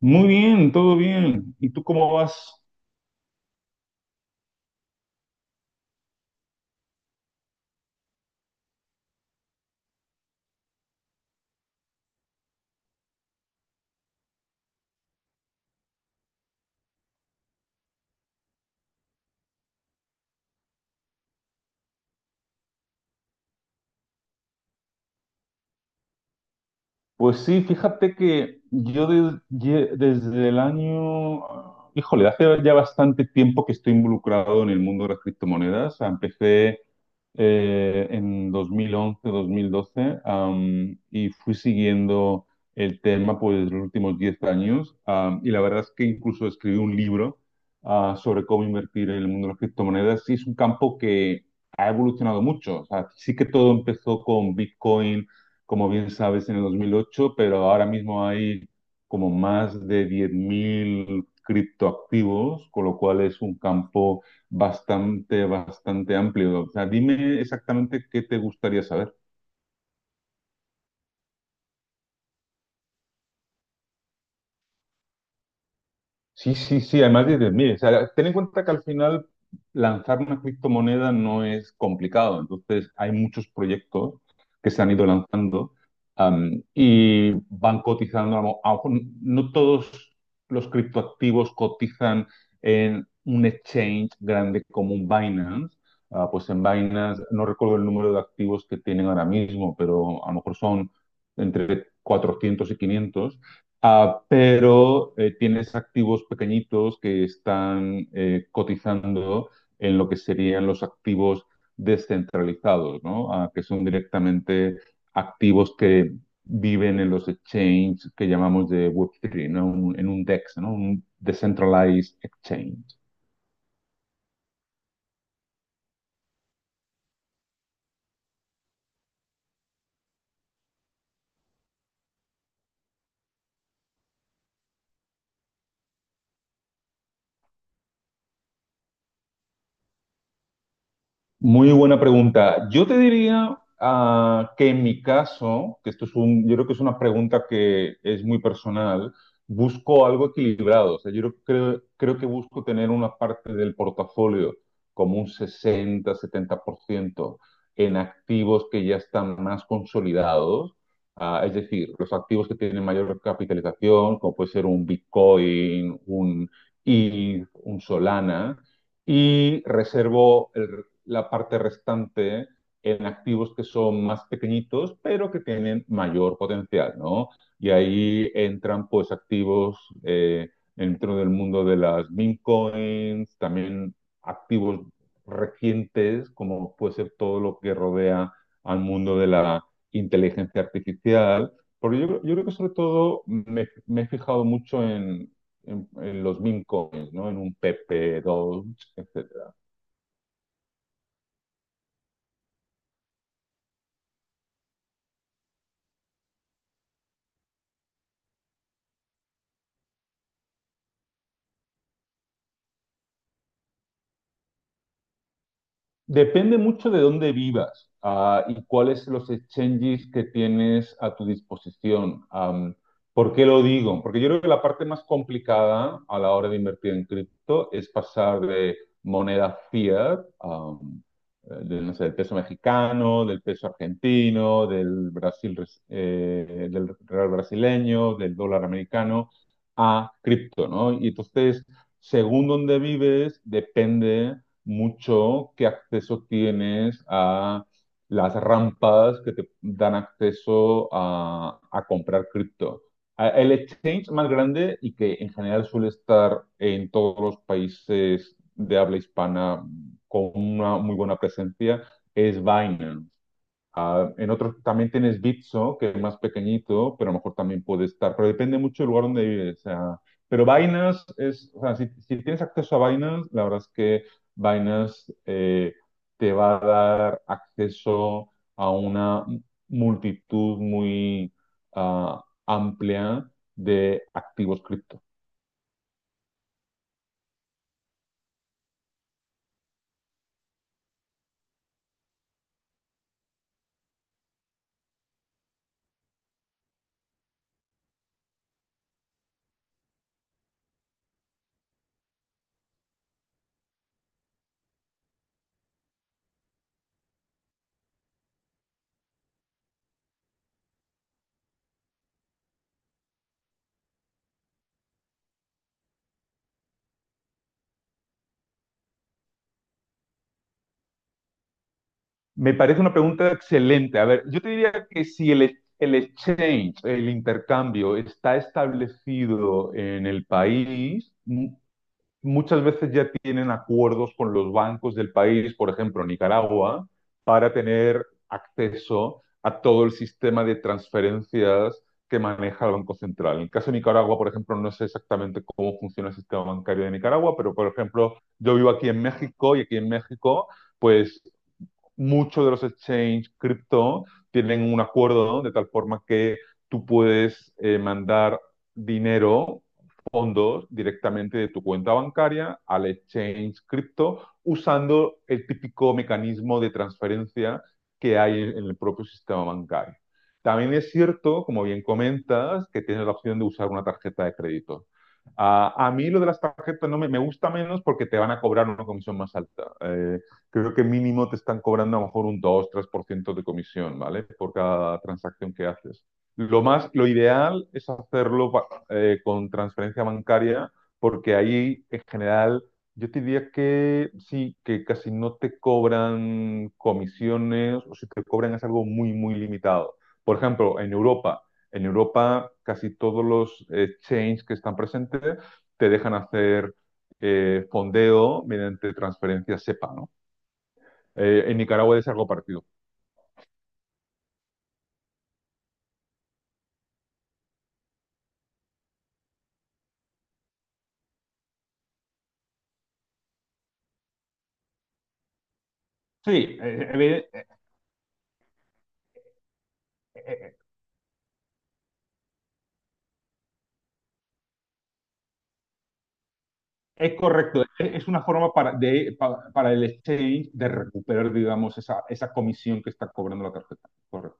Muy bien, todo bien. ¿Y tú cómo vas? Pues sí, fíjate que desde el año, híjole, hace ya bastante tiempo que estoy involucrado en el mundo de las criptomonedas. O sea, empecé en 2011, 2012, y fui siguiendo el tema, pues los últimos 10 años. Y la verdad es que incluso escribí un libro sobre cómo invertir en el mundo de las criptomonedas. Y es un campo que ha evolucionado mucho. O sea, sí, que todo empezó con Bitcoin, como bien sabes, en el 2008, pero ahora mismo hay como más de 10,000 criptoactivos, con lo cual es un campo bastante, bastante amplio. O sea, dime exactamente qué te gustaría saber. Sí, sí, sí, además dices, mire, o sea, ten en cuenta que al final lanzar una criptomoneda no es complicado, entonces hay muchos proyectos que se han ido lanzando, y van cotizando. A lo mejor no todos los criptoactivos cotizan en un exchange grande como un Binance. Pues en Binance no recuerdo el número de activos que tienen ahora mismo, pero a lo mejor son entre 400 y 500. Pero tienes activos pequeñitos que están cotizando en lo que serían los activos descentralizados, ¿no? Que son directamente activos que viven en los exchanges que llamamos de Web3, ¿no? En un DEX, ¿no? Un Decentralized Exchange. Muy buena pregunta. Yo te diría que, en mi caso, que esto es un, yo creo que es una pregunta que es muy personal, busco algo equilibrado. O sea, yo creo que busco tener una parte del portafolio como un 60-70% en activos que ya están más consolidados. Es decir, los activos que tienen mayor capitalización, como puede ser un Bitcoin, un ETH, un Solana, y reservo el, la parte restante en activos que son más pequeñitos, pero que tienen mayor potencial, ¿no? Y ahí entran pues activos eh, dentro del mundo de las meme coins, también activos recientes, como puede ser todo lo que rodea al mundo de la inteligencia artificial. Porque yo creo que, sobre todo, me he fijado mucho en los meme coins, ¿no? En un PP2, etc. Depende mucho de dónde vivas, ah, y cuáles son los exchanges que tienes a tu disposición. ¿Por qué lo digo? Porque yo creo que la parte más complicada a la hora de invertir en cripto es pasar de moneda fiat, de, no sé, del peso mexicano, del peso argentino, del Brasil, del real brasileño, del dólar americano, a cripto, ¿no? Y entonces, según dónde vives, depende mucho qué acceso tienes a las rampas que te dan acceso a comprar cripto. El exchange más grande y que en general suele estar en todos los países de habla hispana con una muy buena presencia es Binance. En otros también tienes Bitso, que es más pequeñito, pero a lo mejor también puede estar, pero depende mucho del lugar donde vives. O sea, pero Binance es, o sea, si tienes acceso a Binance, la verdad es que Binance te va a dar acceso a una multitud muy amplia de activos cripto. Me parece una pregunta excelente. A ver, yo te diría que si el exchange, el intercambio, está establecido en el país, muchas veces ya tienen acuerdos con los bancos del país, por ejemplo, Nicaragua, para tener acceso a todo el sistema de transferencias que maneja el Banco Central. En el caso de Nicaragua, por ejemplo, no sé exactamente cómo funciona el sistema bancario de Nicaragua, pero, por ejemplo, yo vivo aquí en México, y aquí en México pues muchos de los exchanges cripto tienen un acuerdo, ¿no?, de tal forma que tú puedes mandar dinero, fondos, directamente de tu cuenta bancaria al exchange cripto, usando el típico mecanismo de transferencia que hay en el propio sistema bancario. También es cierto, como bien comentas, que tienes la opción de usar una tarjeta de crédito. A mí lo de las tarjetas no me gusta menos, porque te van a cobrar una comisión más alta. Creo que mínimo te están cobrando a lo mejor un 2-3% de comisión, ¿vale? Por cada transacción que haces. Lo más, lo ideal es hacerlo con transferencia bancaria, porque ahí, en general, yo te diría que sí, que casi no te cobran comisiones, o si te cobran es algo muy, muy limitado. Por ejemplo, en Europa casi todos los exchanges que están presentes te dejan hacer fondeo mediante transferencia SEPA, ¿no? En Nicaragua de largo partido. Sí, eh, es correcto. Es una forma para el exchange de recuperar, digamos, esa comisión que está cobrando la tarjeta. Correcto.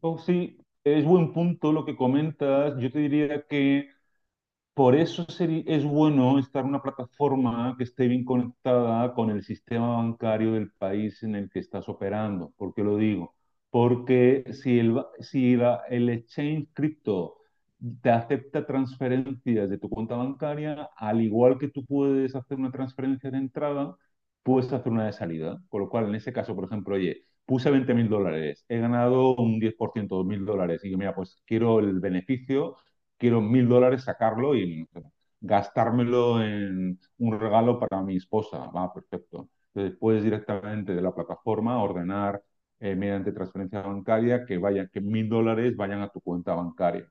Oh, sí, es buen punto lo que comentas. Yo te diría que por eso es bueno estar en una plataforma que esté bien conectada con el sistema bancario del país en el que estás operando. ¿Por qué lo digo? Porque si el, ba- si la- el exchange cripto te acepta transferencias de tu cuenta bancaria, al igual que tú puedes hacer una transferencia de entrada, puedes hacer una de salida. Con lo cual, en ese caso, por ejemplo, oye, puse $20,000, he ganado un 10%, $2,000, y digo, mira, pues quiero el beneficio, quiero $1,000 sacarlo y gastármelo en un regalo para mi esposa. Va, perfecto. Entonces puedes directamente de la plataforma ordenar mediante transferencia bancaria que vaya, que $1,000 vayan a tu cuenta bancaria.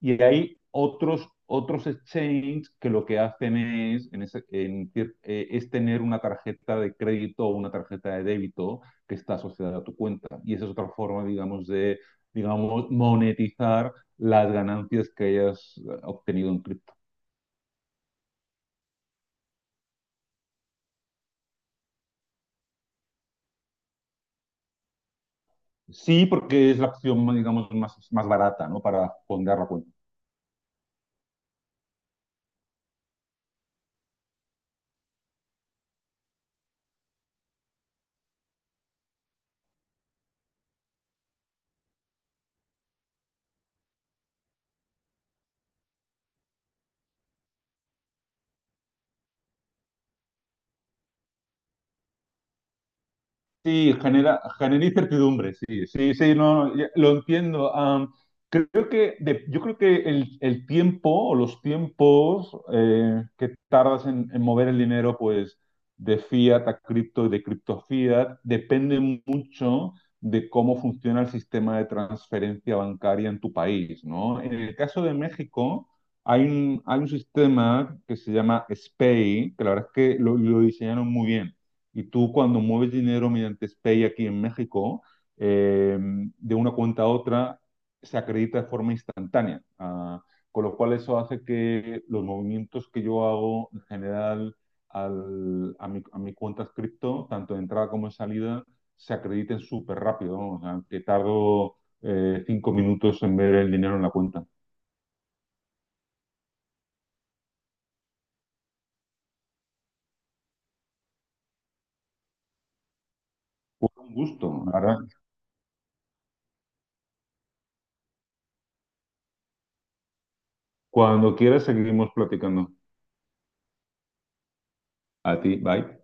Y hay otros exchanges que lo que hacen es, en ese- en es tener una tarjeta de crédito o una tarjeta de débito que está asociada a tu cuenta. Y esa es otra forma, digamos, de, digamos, monetizar las ganancias que hayas obtenido en cripto. Sí, porque es la opción, digamos, más, más barata, ¿no? Para fondear la cuenta. Sí, genera, genera incertidumbre, sí, sí, sí, no, no, lo entiendo. Am, creo que de- yo creo que el tiempo o los tiempos que tardas en mover el dinero, pues de fiat a cripto y de cripto a fiat, depende mucho de cómo funciona el sistema de transferencia bancaria en tu país, ¿no? En el caso de México, hay un sistema que se llama SPAY, que la verdad es que lo diseñaron muy bien. Y tú, cuando mueves dinero mediante SPEI aquí en México, de una cuenta a otra, se acredita de forma instantánea. Ah, con lo cual eso hace que los movimientos que yo hago, en general, a mi cuenta cripto, tanto de entrada como de salida, se acrediten súper rápido, ¿no? O sea, que tardo 5 minutos en ver el dinero en la cuenta. Fue un gusto, la ¿verdad? Cuando quieras seguimos platicando. A ti, bye.